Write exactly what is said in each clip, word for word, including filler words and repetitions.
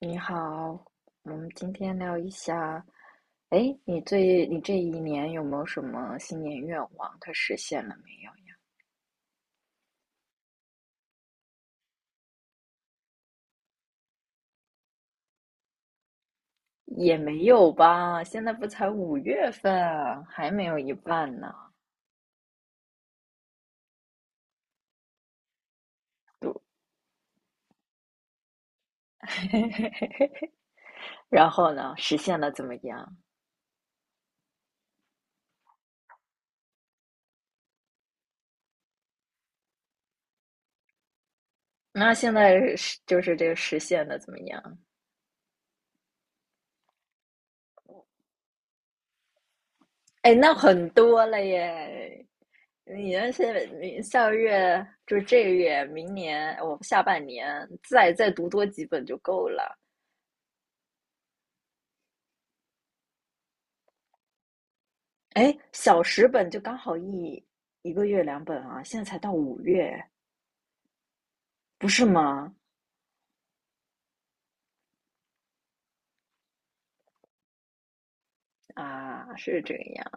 你好，我们今天聊一下，哎，你最你这一年有没有什么新年愿望？它实现了没有？也没有吧，现在不才五月份，还没有一半呢。对，然后呢，实现了怎么样？那现在是就是这个实现的怎么样？哎，那很多了耶！你那些你下个月就这个月，明年我下半年再再读多几本就够了。哎，小十本就刚好一一个月两本啊，现在才到五月，不是吗？啊，是这样。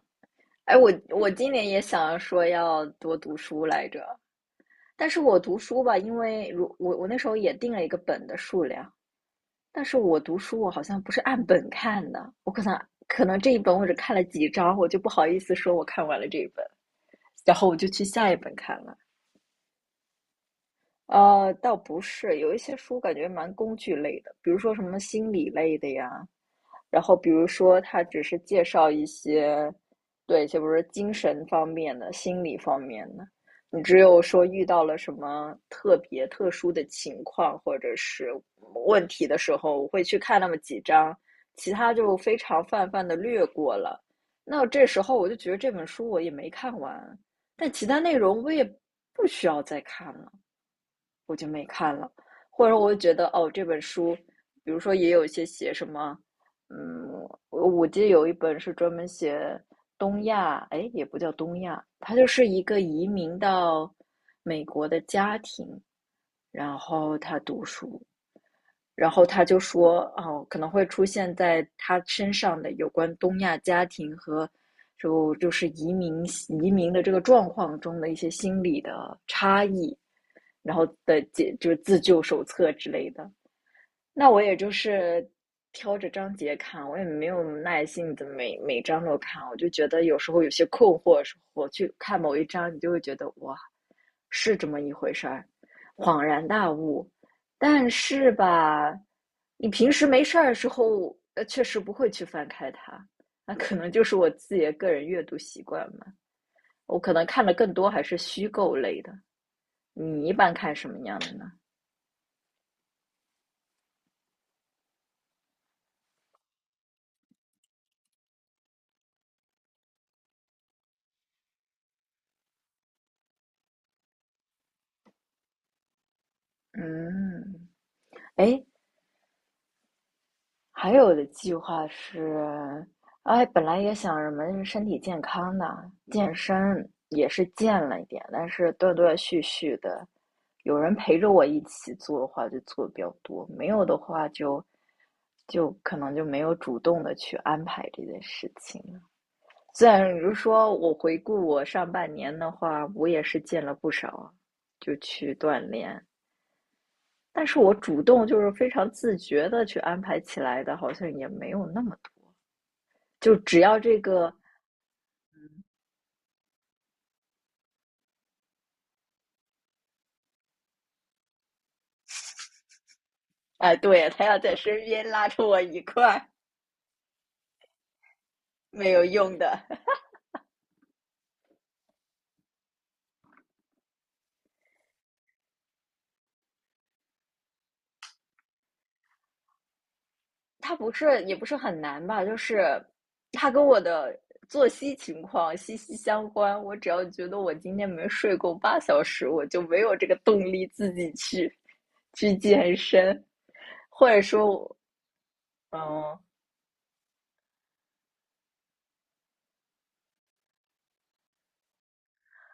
哎，我我今年也想说要多读书来着，但是我读书吧，因为如我我那时候也定了一个本的数量，但是我读书我好像不是按本看的，我可能可能这一本我只看了几章，我就不好意思说我看完了这一本，然后我就去下一本看了。呃，倒不是，有一些书感觉蛮工具类的，比如说什么心理类的呀，然后比如说他只是介绍一些，对，就比如说精神方面的、心理方面的。你只有说遇到了什么特别特殊的情况或者是问题的时候，我会去看那么几章，其他就非常泛泛的略过了。那这时候我就觉得这本书我也没看完，但其他内容我也不需要再看了。我就没看了，或者我觉得哦，这本书，比如说也有一些写什么，嗯，我我记得有一本是专门写东亚，哎，也不叫东亚，它就是一个移民到美国的家庭，然后他读书，然后他就说，哦，可能会出现在他身上的有关东亚家庭和就就是移民移民的这个状况中的一些心理的差异，然后的解就是自救手册之类的。那我也就是挑着章节看，我也没有耐心的每每章都看，我就觉得有时候有些困惑的时候，我去看某一章，你就会觉得哇，是这么一回事儿，恍然大悟。但是吧，你平时没事儿的时候，呃，确实不会去翻开它，那可能就是我自己的个人阅读习惯嘛。我可能看的更多还是虚构类的。你一般看什么样的呢？嗯，哎，还有的计划是，哎，本来也想什么身体健康的，健身也是健了一点，但是断断续续的，有人陪着我一起做的话，就做的比较多；没有的话就，就可能就没有主动的去安排这件事情了。虽然你就说我回顾我上半年的话，我也是健了不少，就去锻炼，但是我主动就是非常自觉的去安排起来的，好像也没有那么多。就只要这个，哎，对，他要在身边拉着我一块，没有用的。他不是也不是很难吧？就是他跟我的作息情况息息相关。我只要觉得我今天没睡够八小时，我就没有这个动力自己去去健身，或者说我，嗯，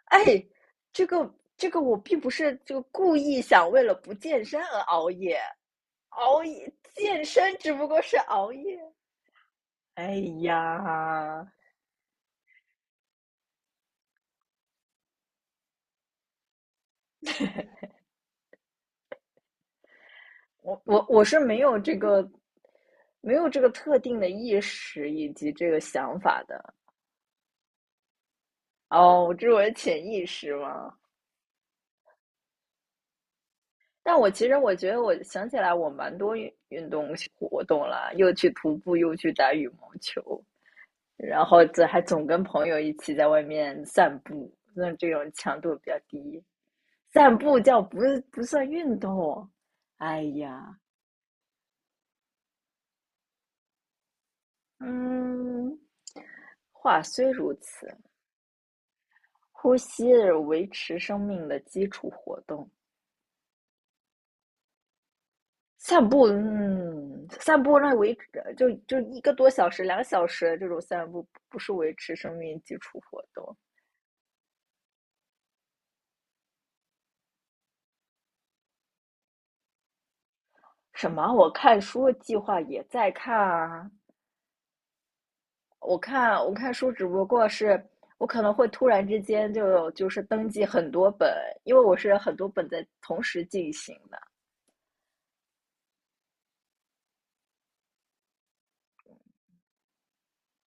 哎，这个这个我并不是就故意想为了不健身而熬夜，熬夜健身只不过是熬夜。哎呀，我我我是没有这个没有这个特定的意识以及这个想法的。哦，这是我的潜意识吗？但我其实我觉得，我想起来我蛮多运运动活动啦，又去徒步，又去打羽毛球，然后这还总跟朋友一起在外面散步，那这种强度比较低。散步叫不不算运动。哎呀，嗯，话虽如此，呼吸是维持生命的基础活动。散步，嗯，散步那维持就就一个多小时、两个小时这种散步，不是维持生命基础活动。什么？我看书计划也在看啊，我看我看书只不过是我可能会突然之间就有就是登记很多本，因为我是很多本在同时进行的。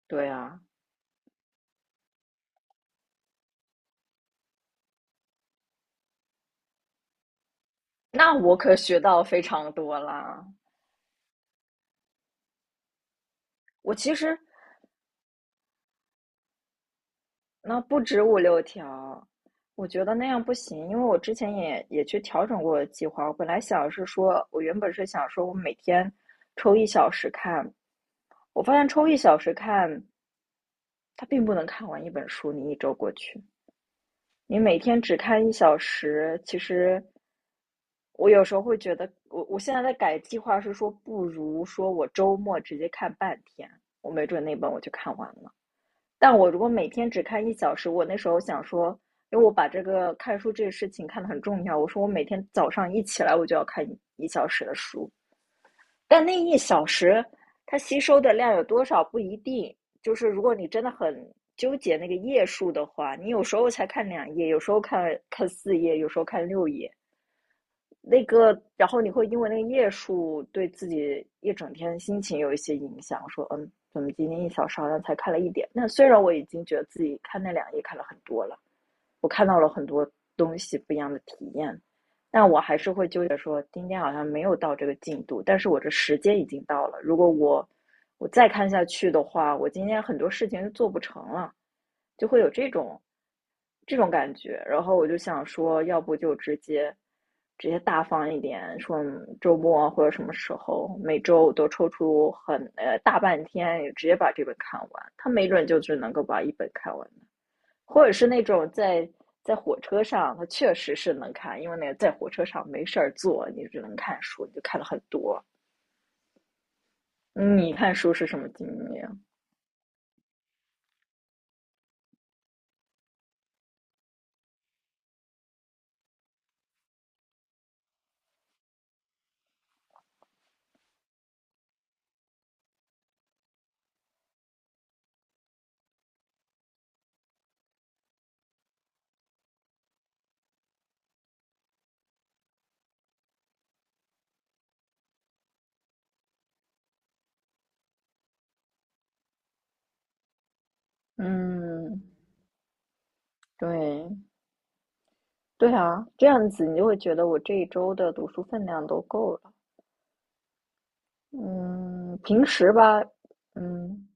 对啊，那我可学到非常多啦。我其实那不止五六条，我觉得那样不行，因为我之前也也去调整过计划。我本来想是说，我原本是想说我每天抽一小时看，我发现抽一小时看，它并不能看完一本书，你一周过去。你每天只看一小时，其实我有时候会觉得，我我现在在改计划是说，不如说我周末直接看半天，我没准那本我就看完了。但我如果每天只看一小时，我那时候想说，因为我把这个看书这个事情看得很重要，我说我每天早上一起来我就要看一小时的书，但那一小时，它吸收的量有多少不一定。就是如果你真的很纠结那个页数的话，你有时候才看两页，有时候看看四页，有时候看六页。那个，然后你会因为那个页数对自己一整天心情有一些影响。说，嗯，怎么今天一小时好像才看了一点？那虽然我已经觉得自己看那两页看了很多了，我看到了很多东西不一样的体验，但我还是会纠结说，今天好像没有到这个进度，但是我这时间已经到了。如果我我再看下去的话，我今天很多事情就做不成了，就会有这种这种感觉。然后我就想说，要不就直接直接大方一点，说嗯周末或者什么时候，每周都抽出很呃大半天，直接把这本看完。他没准就只能够把一本看完。或者是那种在在火车上，它确实是能看，因为那个在火车上没事儿做，你只能看书，你就看了很多。嗯你看书是什么经验？嗯，对，对啊，这样子你就会觉得我这一周的读书分量都够了。嗯，平时吧，嗯，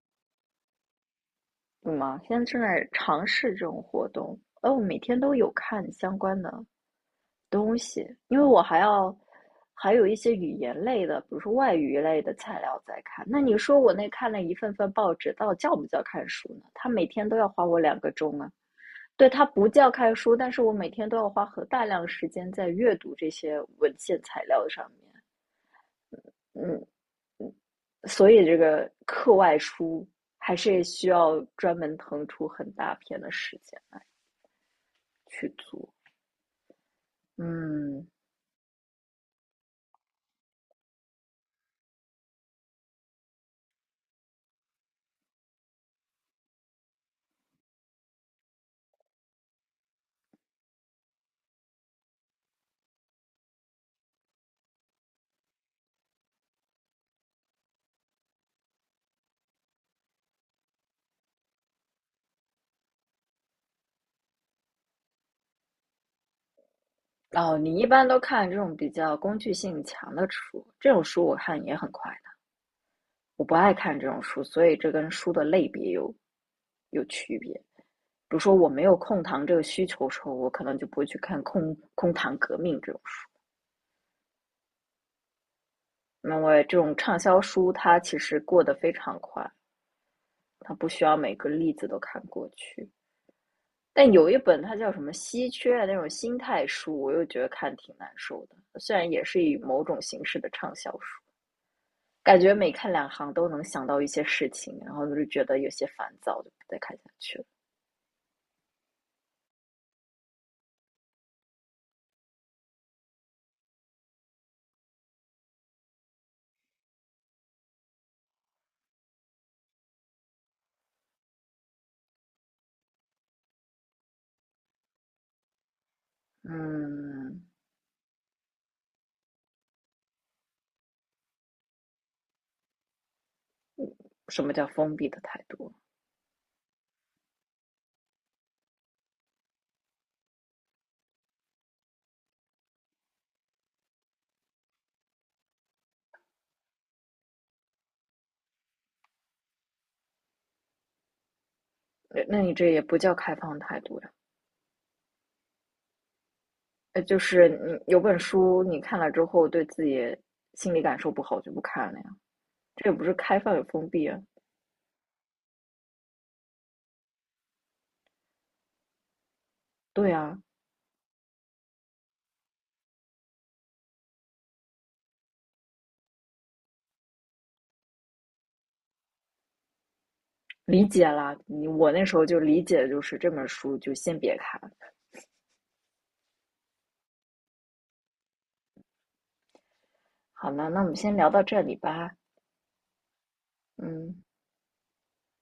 怎么？现在正在尝试这种活动，哦，我每天都有看相关的东西，因为我还要还有一些语言类的，比如说外语类的材料在看。那你说我那看了一份份报纸，到底叫不叫看书呢？他每天都要花我两个钟啊。对，他不叫看书，但是我每天都要花很大量时间在阅读这些文献材料上面。嗯，所以这个课外书还是需要专门腾出很大片的时间去做。嗯，哦，你一般都看这种比较工具性强的书，这种书我看也很快的。我不爱看这种书，所以这跟书的类别有有区别。比如说我没有控糖这个需求的时候，我可能就不会去看空空谈革命这种书，因为这种畅销书它其实过得非常快，它不需要每个例子都看过去。但有一本它叫什么稀缺的那种心态书，我又觉得看挺难受的，虽然也是以某种形式的畅销书。感觉每看两行都能想到一些事情，然后就觉得有些烦躁，就不再看下去了。嗯，什么叫封闭的态度？呃那你这也不叫开放态度呀。呃，就是你有本书你看了之后对自己心理感受不好就不看了呀，这也不是开放与封闭啊。对啊，理解啦。你我那时候就理解，就是这本书就先别看。好了，那我们先聊到这里吧。嗯。